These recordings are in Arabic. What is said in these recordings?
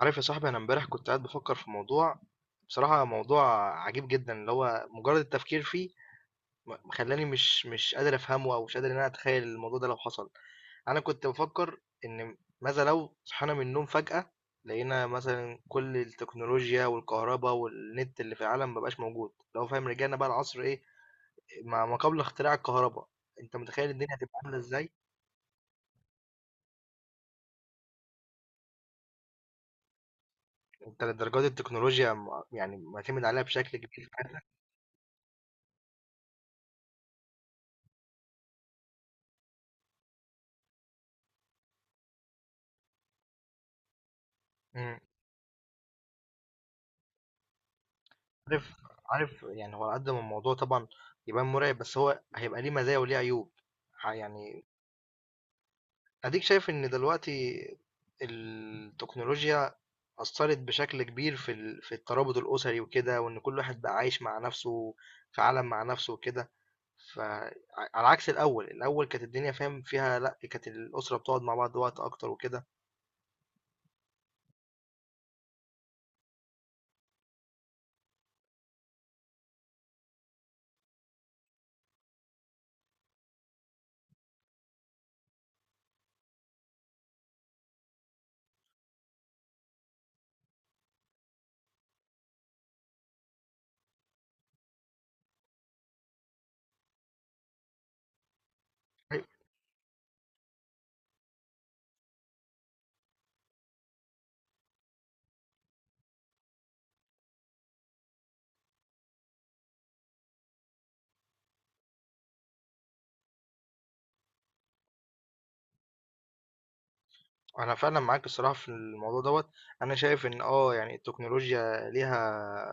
عارف يا صاحبي، انا امبارح كنت قاعد بفكر في موضوع. بصراحة موضوع عجيب جدا، اللي هو مجرد التفكير فيه خلاني مش قادر افهمه، او مش قادر ان انا اتخيل الموضوع ده لو حصل. انا كنت بفكر ان ماذا لو صحينا من النوم فجأة لقينا مثلا كل التكنولوجيا والكهرباء والنت اللي في العالم مبقاش موجود، لو فاهم، رجعنا بقى العصر ايه، ما قبل اختراع الكهرباء. انت متخيل الدنيا هتبقى عاملة ازاي؟ انت لدرجات التكنولوجيا يعني معتمد عليها بشكل كبير في حياتنا. عارف عارف يعني هو على قد ما الموضوع طبعا يبان مرعب، بس هو هيبقى ليه مزايا وليه عيوب. يعني اديك شايف ان دلوقتي التكنولوجيا أثرت بشكل كبير في في الترابط الأسري وكده، وإن كل واحد بقى عايش مع نفسه في عالم مع نفسه وكده. فعلى عكس الأول كانت الدنيا فاهم فيها، لأ كانت الأسرة بتقعد مع بعض وقت أكتر وكده. أنا فعلًا معاك الصراحة في الموضوع دوّة. أنا شايف إن يعني التكنولوجيا ليها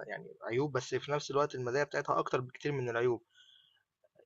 يعني عيوب، بس في نفس الوقت المزايا بتاعتها أكتر بكتير من العيوب.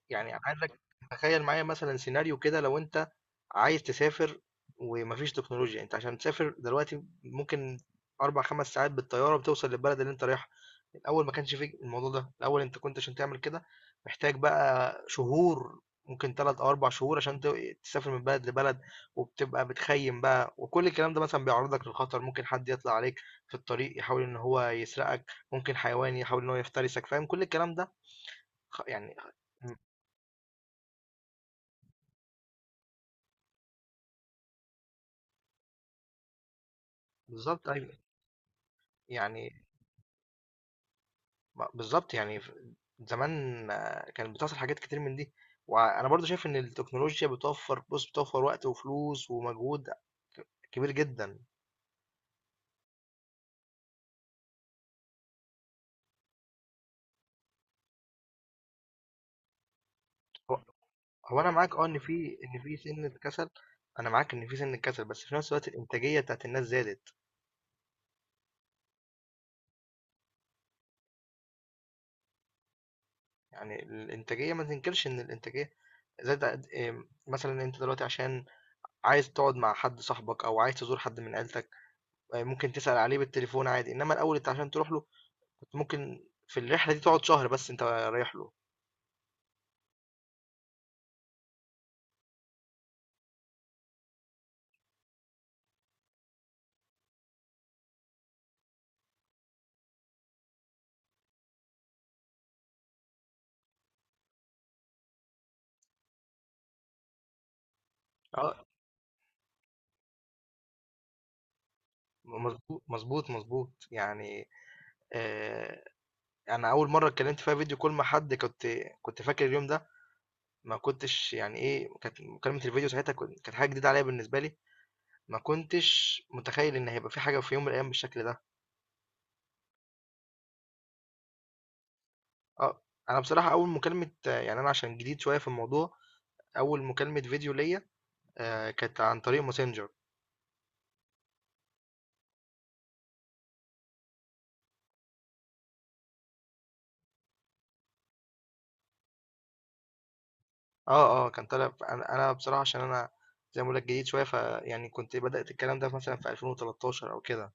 يعني عايزك تخيل معايا مثلا سيناريو كده، لو انت عايز تسافر ومفيش تكنولوجيا، انت عشان تسافر دلوقتي ممكن اربع خمس ساعات بالطيارة بتوصل للبلد اللي انت رايحها. الاول ما كانش فيه الموضوع ده، الاول انت كنت عشان تعمل كده محتاج بقى شهور، ممكن ثلاث او اربع شهور عشان تسافر من بلد لبلد. وبتبقى بتخيم بقى، وكل الكلام ده مثلا بيعرضك للخطر، ممكن حد يطلع عليك في الطريق يحاول ان هو يسرقك، ممكن حيوان يحاول ان هو يفترسك، فاهم كل الكلام ده. يعني بالضبط أيوه. يعني بالضبط يعني، ف زمان كانت بتحصل حاجات كتير من دي، وأنا برضه شايف إن التكنولوجيا بتوفّر وقت وفلوس ومجهود كبير جدًا. هو هو أنا معاك إن في سِنّة كسل. أنا معاك إن في سِنّة كسل، بس في نفس الوقت الإنتاجية بتاعة الناس زادت. يعني الإنتاجية ما تنكرش إن الإنتاجية زادت قد مثلًا أنت دلوقتي عشان عايز تقعد مع حد صاحبك أو عايز تزور حد من عيلتك، ممكن تسأل عليه بالتليفون عادي، إنّما الأول أنت عشان تروح له ممكن في الرحلة دي تقعد شهر بس أنت رايح له. اه مظبوط مظبوط مظبوط يعني. آه انا اول مره اتكلمت فيها فيديو كول مع حد، كنت فاكر اليوم ده. ما كنتش يعني ايه كانت مكالمه الفيديو ساعتها، كانت حاجه جديده عليا بالنسبه لي. ما كنتش متخيل ان هيبقى في حاجه في يوم من الايام بالشكل ده. اه انا بصراحه اول مكالمه، يعني انا عشان جديد شويه في الموضوع، اول مكالمه فيديو ليا كانت عن طريق ماسنجر. آه، آه، كان طالع، ف أنا بصراحة عشان أنا زي ما باقول لك جديد شوية، فيعني كنت بدأت الكلام ده مثلًا في 2013 أو كده.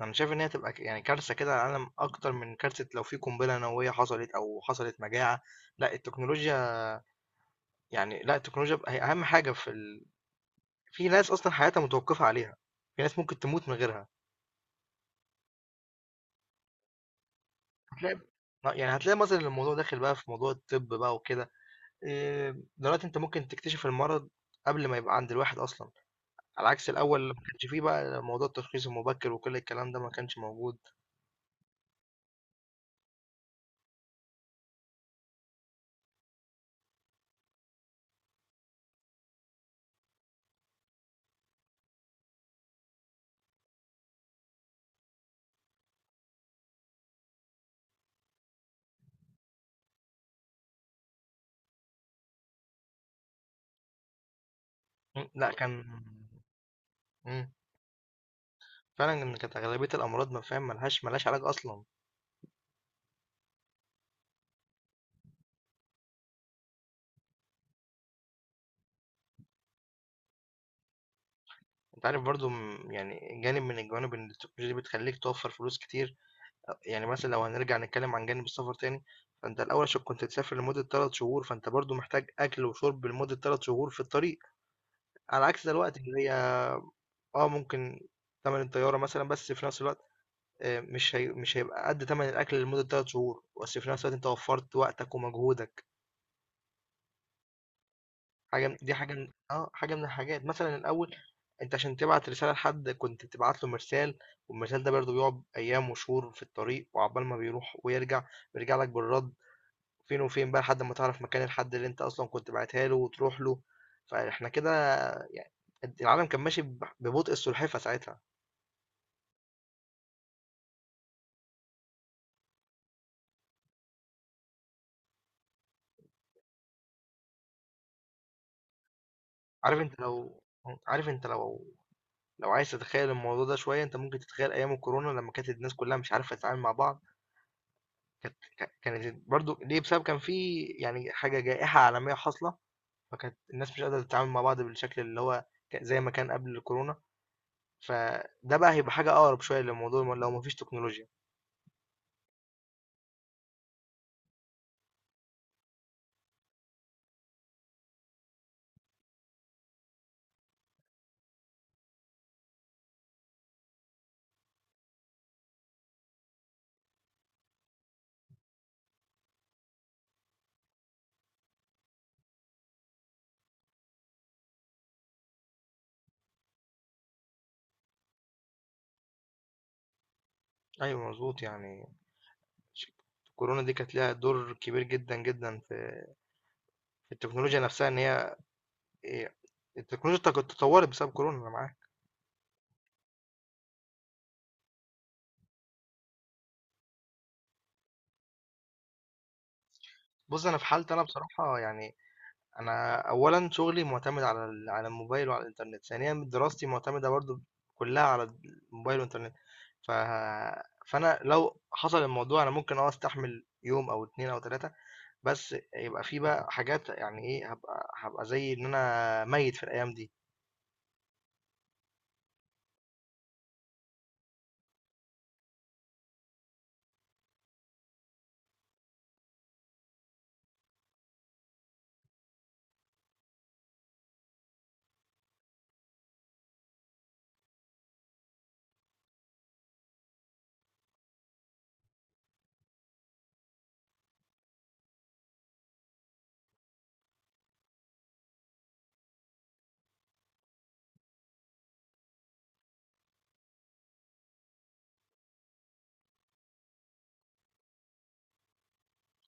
أنا شايف إن هي تبقى يعني كارثة كده على العالم، أكتر من كارثة لو في قنبلة نووية حصلت أو حصلت مجاعة. لأ التكنولوجيا، يعني لأ التكنولوجيا بقى هي أهم حاجة في في ناس أصلًا حياتها متوقفة عليها، في ناس ممكن تموت من غيرها. هتلاقي يعني هتلاقي مثلًا الموضوع داخل بقى في موضوع الطب بقى وكده. دلوقتي أنت ممكن تكتشف المرض قبل ما يبقى عند الواحد أصلًا. على عكس الأول اللي ما كانش فيه بقى موضوع التشخيص المبكر، وكل الكلام ده ما كانش موجود. مم، لأ كان. إمم، فعلًا إن كانت أغلبية الأمراض، ما فاهم، ما لهاش علاج أصلًا. أنت عارف برضه يعني جانب من الجوانب إن التكنولوجيا دي بتخلّيك توفّر فلوس كتير. يعني مثلًا لو هنرجع نتكلم عن جانب السفر تاني، فأنت الأول عشان كنت تسافر لمدة 3 شهور، فأنت برضه محتاج أكل وشرب لمدة 3 شهور في الطريق. على عكس دلوقتي اللي هي ممكن تمن الطيارة مثلًا، بس في نفس الوقت مش هيبقى قد تمن الاكل لمده 3 شهور، بس في نفس الوقت انت وفرت وقتك ومجهودك. حاجه من- دي حاجه من... اه حاجه من الحاجات، مثلا الاول انت عشان تبعت رساله لحد كنت بتبعت له مرسال، والمرسال ده برضه بيقعد ايام وشهور في الطريق، وعقبال ما بيروح ويرجع بيرجع لك بالرد، فين وفين بقى لحد ما تعرف مكان الحد اللي انت اصلا كنت بعتها له وتروح له. فاحنا كده يعني العالم كان ماشي ببطء السلحفه ساعتها. عارف انت لو عارف انت، لو عايز تتخيل الموضوع ده شوية، انت ممكن تتخيل ايام الكورونا لما كانت الناس كلها مش عارفة تتعامل مع بعض. كانت برضو ليه، بسبب كان في يعني حاجة جائحة عالمية حاصلة، فكانت الناس مش قادرة تتعامل مع بعض بالشكل اللي هو، زي ما كان قبل الكورونا. فده بقى هيبقى حاجة اقرب شوية للموضوع لو مفيش تكنولوجيا. ايوه مظبوط يعني. ش- الكورونا دي كانت لها دور كبير جدا جدا في التكنولوجيا نفسها، ان هي إيه، التكنولوجيا تطورت بسبب كورونا، انا معاك. بُص، أنا في حالتي أنا بصراحة يعني، أنا أولًا شغلي معتمد على على الموبايل وعلى الإنترنت، ثانيًا دراستي معتمدة برضه كلّها على الموبايل والإنترنت. ف فأنا لو حصل الموضوع أنا ممكن أستحمل يوم أو 2 أو 3، بس يبقى في بقى حاجات يعني هابقى زي إن أنا ميّت في الأيام دي.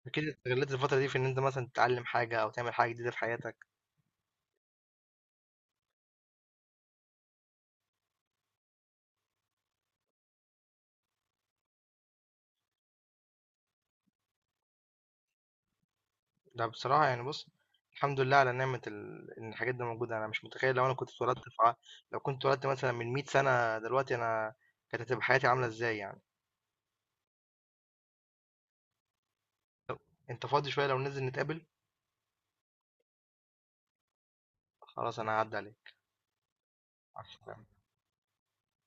أكيد استغلّيت الفترة دي في إن أنت مثلًا تتعلّم حاجة أو تعمل حاجة جديدة في حياتك. لأ بصراحة يعني، بُص، الحمد لله على نعمة إن الحاجات دي موجودة، أنا مش متخيّل لو أنا كنت اتولدت في ع لو كنت اتولدت مثلًا من 100 سَنة، دلوقتي أنا كانت هتبقى حياتي عاملة إزاي يعني. أنت فاضي شوية لو ننزل نتقابل؟ خلاص أنا هاعدّي عليك. مع السلامة.